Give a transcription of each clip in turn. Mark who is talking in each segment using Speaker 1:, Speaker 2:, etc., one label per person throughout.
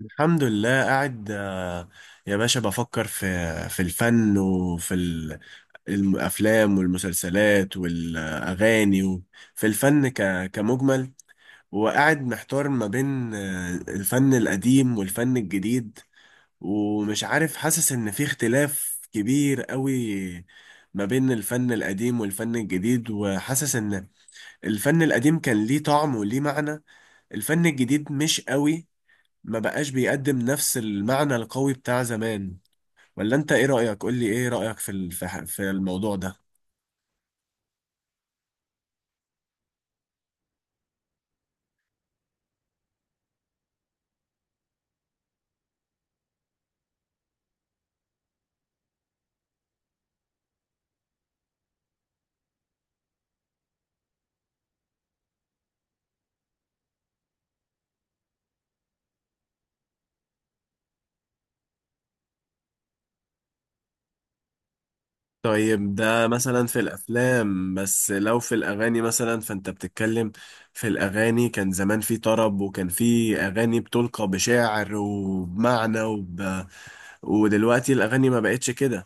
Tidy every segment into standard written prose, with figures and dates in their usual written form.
Speaker 1: الحمد لله قاعد يا باشا بفكر في الفن وفي الافلام والمسلسلات والاغاني وفي الفن كمجمل. وقاعد محتار ما بين الفن القديم والفن الجديد، ومش عارف، حاسس ان في اختلاف كبير قوي ما بين الفن القديم والفن الجديد، وحاسس ان الفن القديم كان ليه طعم وليه معنى، الفن الجديد مش قوي، ما بقاش بيقدم نفس المعنى القوي بتاع زمان. ولا انت ايه رأيك؟ قول لي ايه رأيك في في الموضوع ده. طيب ده مثلا في الافلام، بس لو في الاغاني مثلا، فانت بتتكلم في الاغاني، كان زمان في طرب وكان في اغاني بتلقى بشعر وبمعنى ودلوقتي الاغاني ما بقتش كده.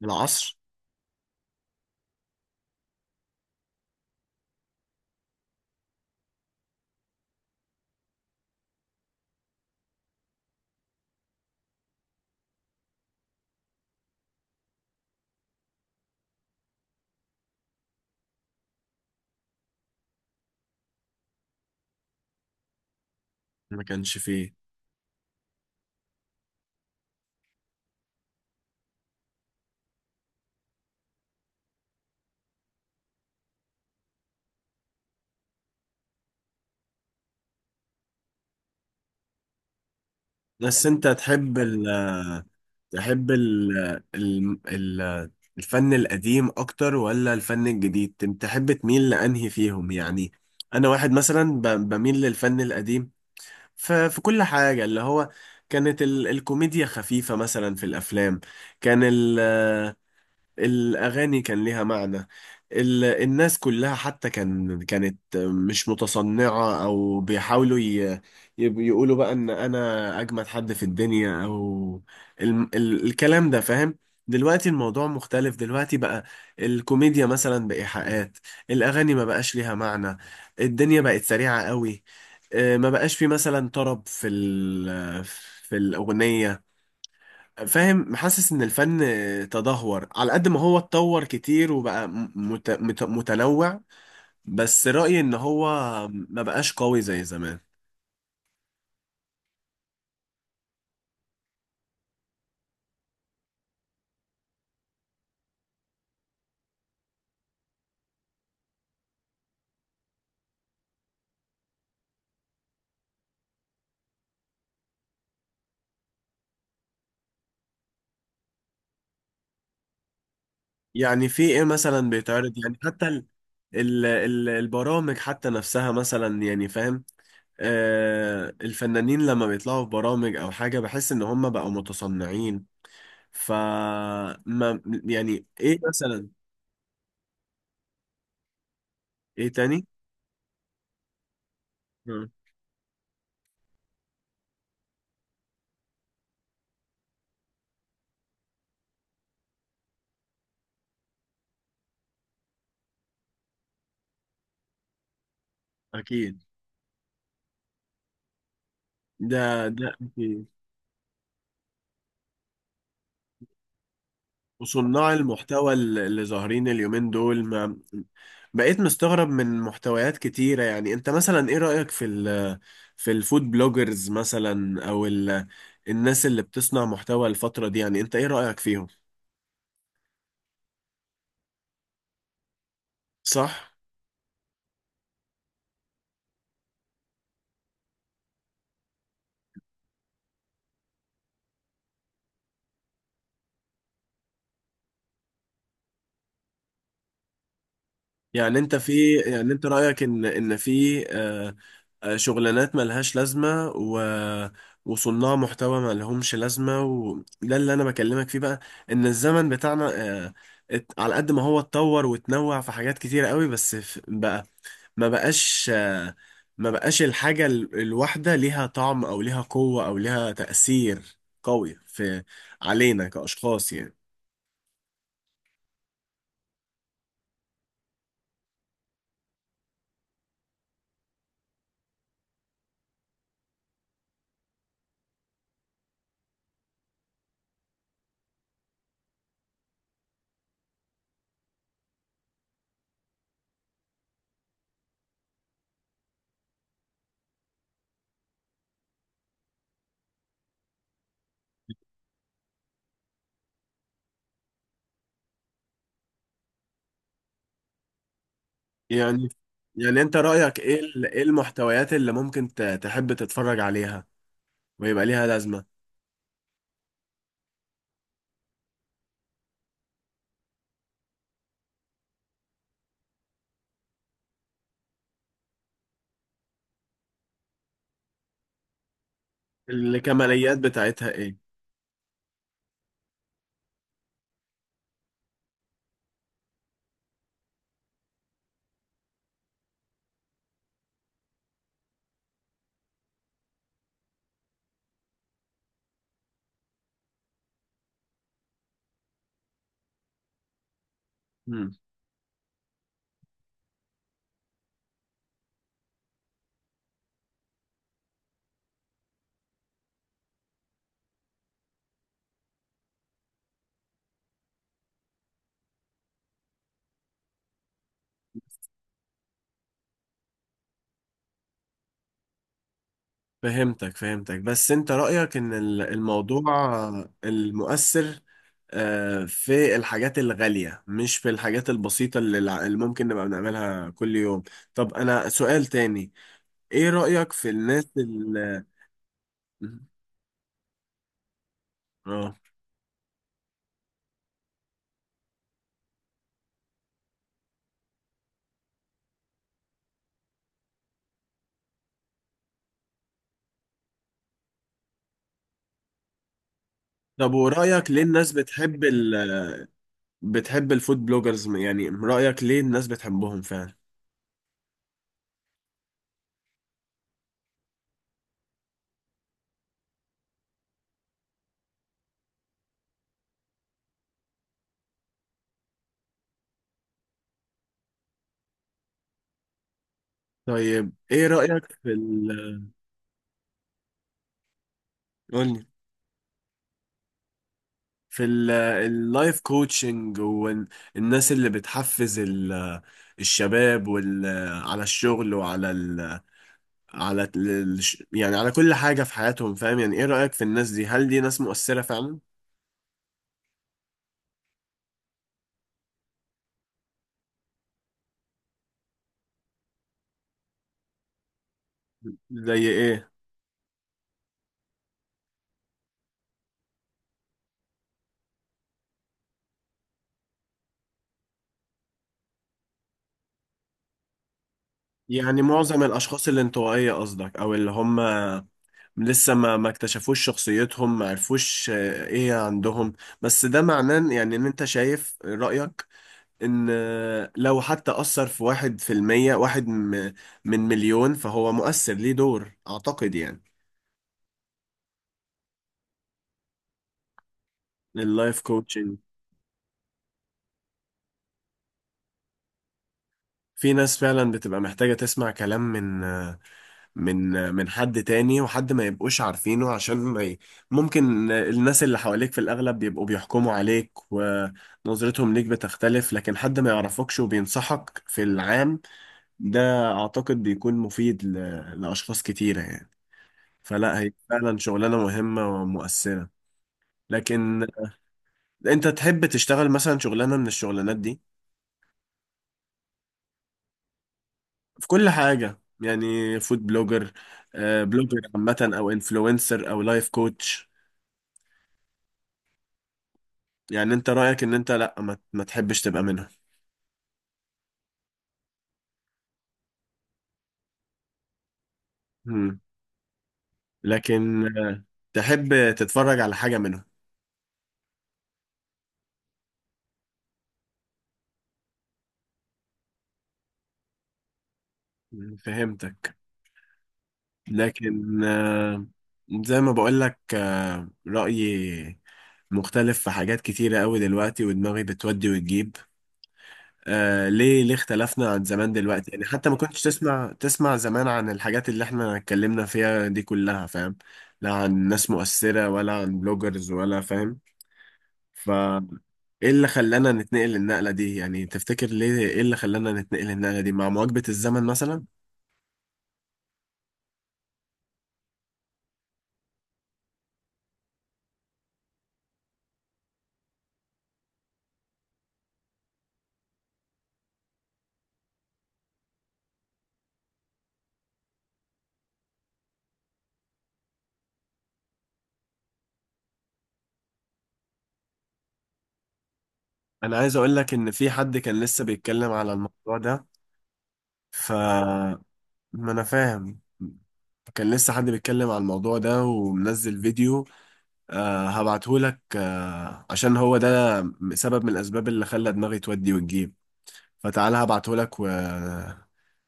Speaker 1: فالعصر ما كانش فيه. بس انت تحب تحب ال ال الفن القديم اكتر ولا الفن الجديد؟ تحب تميل لانهي فيهم يعني؟ انا واحد مثلا بميل للفن القديم في كل حاجة. اللي هو كانت الكوميديا خفيفة مثلا في الافلام، كان الأغاني كان ليها معنى، الناس كلها حتى كانت مش متصنعة أو بيحاولوا يقولوا بقى إن أنا أجمد حد في الدنيا، أو الكلام ده، فاهم؟ دلوقتي الموضوع مختلف، دلوقتي بقى الكوميديا مثلا بإيحاءات، الأغاني ما بقاش ليها معنى، الدنيا بقت سريعة قوي، ما بقاش في مثلا طرب في في الأغنية، فاهم؟ محسس ان الفن تدهور على قد ما هو اتطور كتير، وبقى متنوع، بس رأيي ان هو ما بقاش قوي زي زمان. يعني في ايه مثلا بيتعرض؟ يعني حتى البرامج حتى نفسها مثلا، يعني فاهم؟ آه الفنانين لما بيطلعوا في برامج او حاجة، بحس ان هم بقوا متصنعين. ف ما يعني ايه مثلا؟ ايه تاني؟ مم. اكيد. ده ده أكيد. وصناع المحتوى اللي ظاهرين اليومين دول، ما بقيت مستغرب من محتويات كتيرة. يعني انت مثلا ايه رأيك في في الفود بلوجرز مثلا، او الناس اللي بتصنع محتوى الفترة دي، يعني انت ايه رأيك فيهم؟ صح. يعني انت في يعني انت رأيك ان في شغلانات ملهاش لازمة، وصناع محتوى ما لهمش لازمة. وده اللي انا بكلمك فيه بقى، ان الزمن بتاعنا، آه، على قد ما هو اتطور وتنوع في حاجات كتيرة قوي، بقى ما بقاش، ما بقاش الحاجة الواحدة ليها طعم او ليها قوة او ليها تأثير قوي في علينا كأشخاص يعني. يعني يعني انت رأيك ايه ايه المحتويات اللي ممكن تحب تتفرج عليها ويبقى ليها لازمة؟ الكماليات بتاعتها ايه؟ مم. فهمتك، فهمتك. بس انت رأيك ان الموضوع المؤثر في الحاجات الغالية، مش في الحاجات البسيطة اللي اللي ممكن نبقى بنعملها كل يوم. طب انا سؤال تاني: ايه رأيك في الناس ال اه طب ورأيك ليه الناس بتحب بتحب الفود بلوجرز؟ يعني رأيك ليه الناس بتحبهم فعلا؟ طيب ايه رأيك في قولي في اللايف كوتشنج والناس اللي بتحفز الشباب وال على الشغل وعلى ال على ال يعني على كل حاجة في حياتهم، فاهم؟ يعني ايه رأيك في الناس دي، هل دي ناس مؤثرة فعلا؟ زي ايه؟ يعني معظم الأشخاص الانطوائية قصدك، أو اللي هم لسه ما اكتشفوش شخصيتهم، ما عرفوش ايه عندهم. بس ده معناه يعني ان انت شايف رأيك ان لو حتى أثر في واحد في المية، واحد من مليون، فهو مؤثر، ليه دور أعتقد يعني. اللايف كوتشنج، في ناس فعلا بتبقى محتاجة تسمع كلام من من من حد تاني، وحد ما يبقوش عارفينه عشان ما ممكن الناس اللي حواليك في الأغلب بيبقوا بيحكموا عليك، ونظرتهم ليك بتختلف، لكن حد ما يعرفكش وبينصحك في العام، ده أعتقد بيكون مفيد لأشخاص كتيرة يعني. فلا، هي فعلا شغلانة مهمة ومؤثرة. لكن أنت تحب تشتغل مثلا شغلانة من الشغلانات دي، في كل حاجة يعني، فود بلوجر، بلوجر عامة، أو انفلونسر، أو لايف كوتش؟ يعني انت رأيك ان انت لا، ما تحبش تبقى منهم؟ مم. لكن تحب تتفرج على حاجة منهم؟ مم، فهمتك. لكن زي ما بقول لك، رأيي مختلف في حاجات كتيرة قوي دلوقتي، ودماغي بتودي وتجيب. آه، ليه ليه اختلفنا عن زمان دلوقتي؟ يعني حتى ما كنتش تسمع زمان عن الحاجات اللي احنا اتكلمنا فيها دي كلها، فاهم؟ لا عن ناس مؤثرة، ولا عن بلوجرز، ولا، فاهم؟ ف ايه اللي خلانا نتنقل النقلة دي يعني؟ تفتكر ليه ايه اللي خلانا نتنقل النقلة دي مع مواكبة الزمن مثلا؟ انا عايز اقول لك ان في حد كان لسه بيتكلم على الموضوع ده. ف ما انا فاهم. كان لسه حد بيتكلم على الموضوع ده ومنزل فيديو. أه هبعته لك، أه، عشان هو ده سبب من الاسباب اللي خلى دماغي تودي وتجيب. فتعالى هبعته لك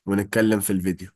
Speaker 1: ونتكلم في الفيديو.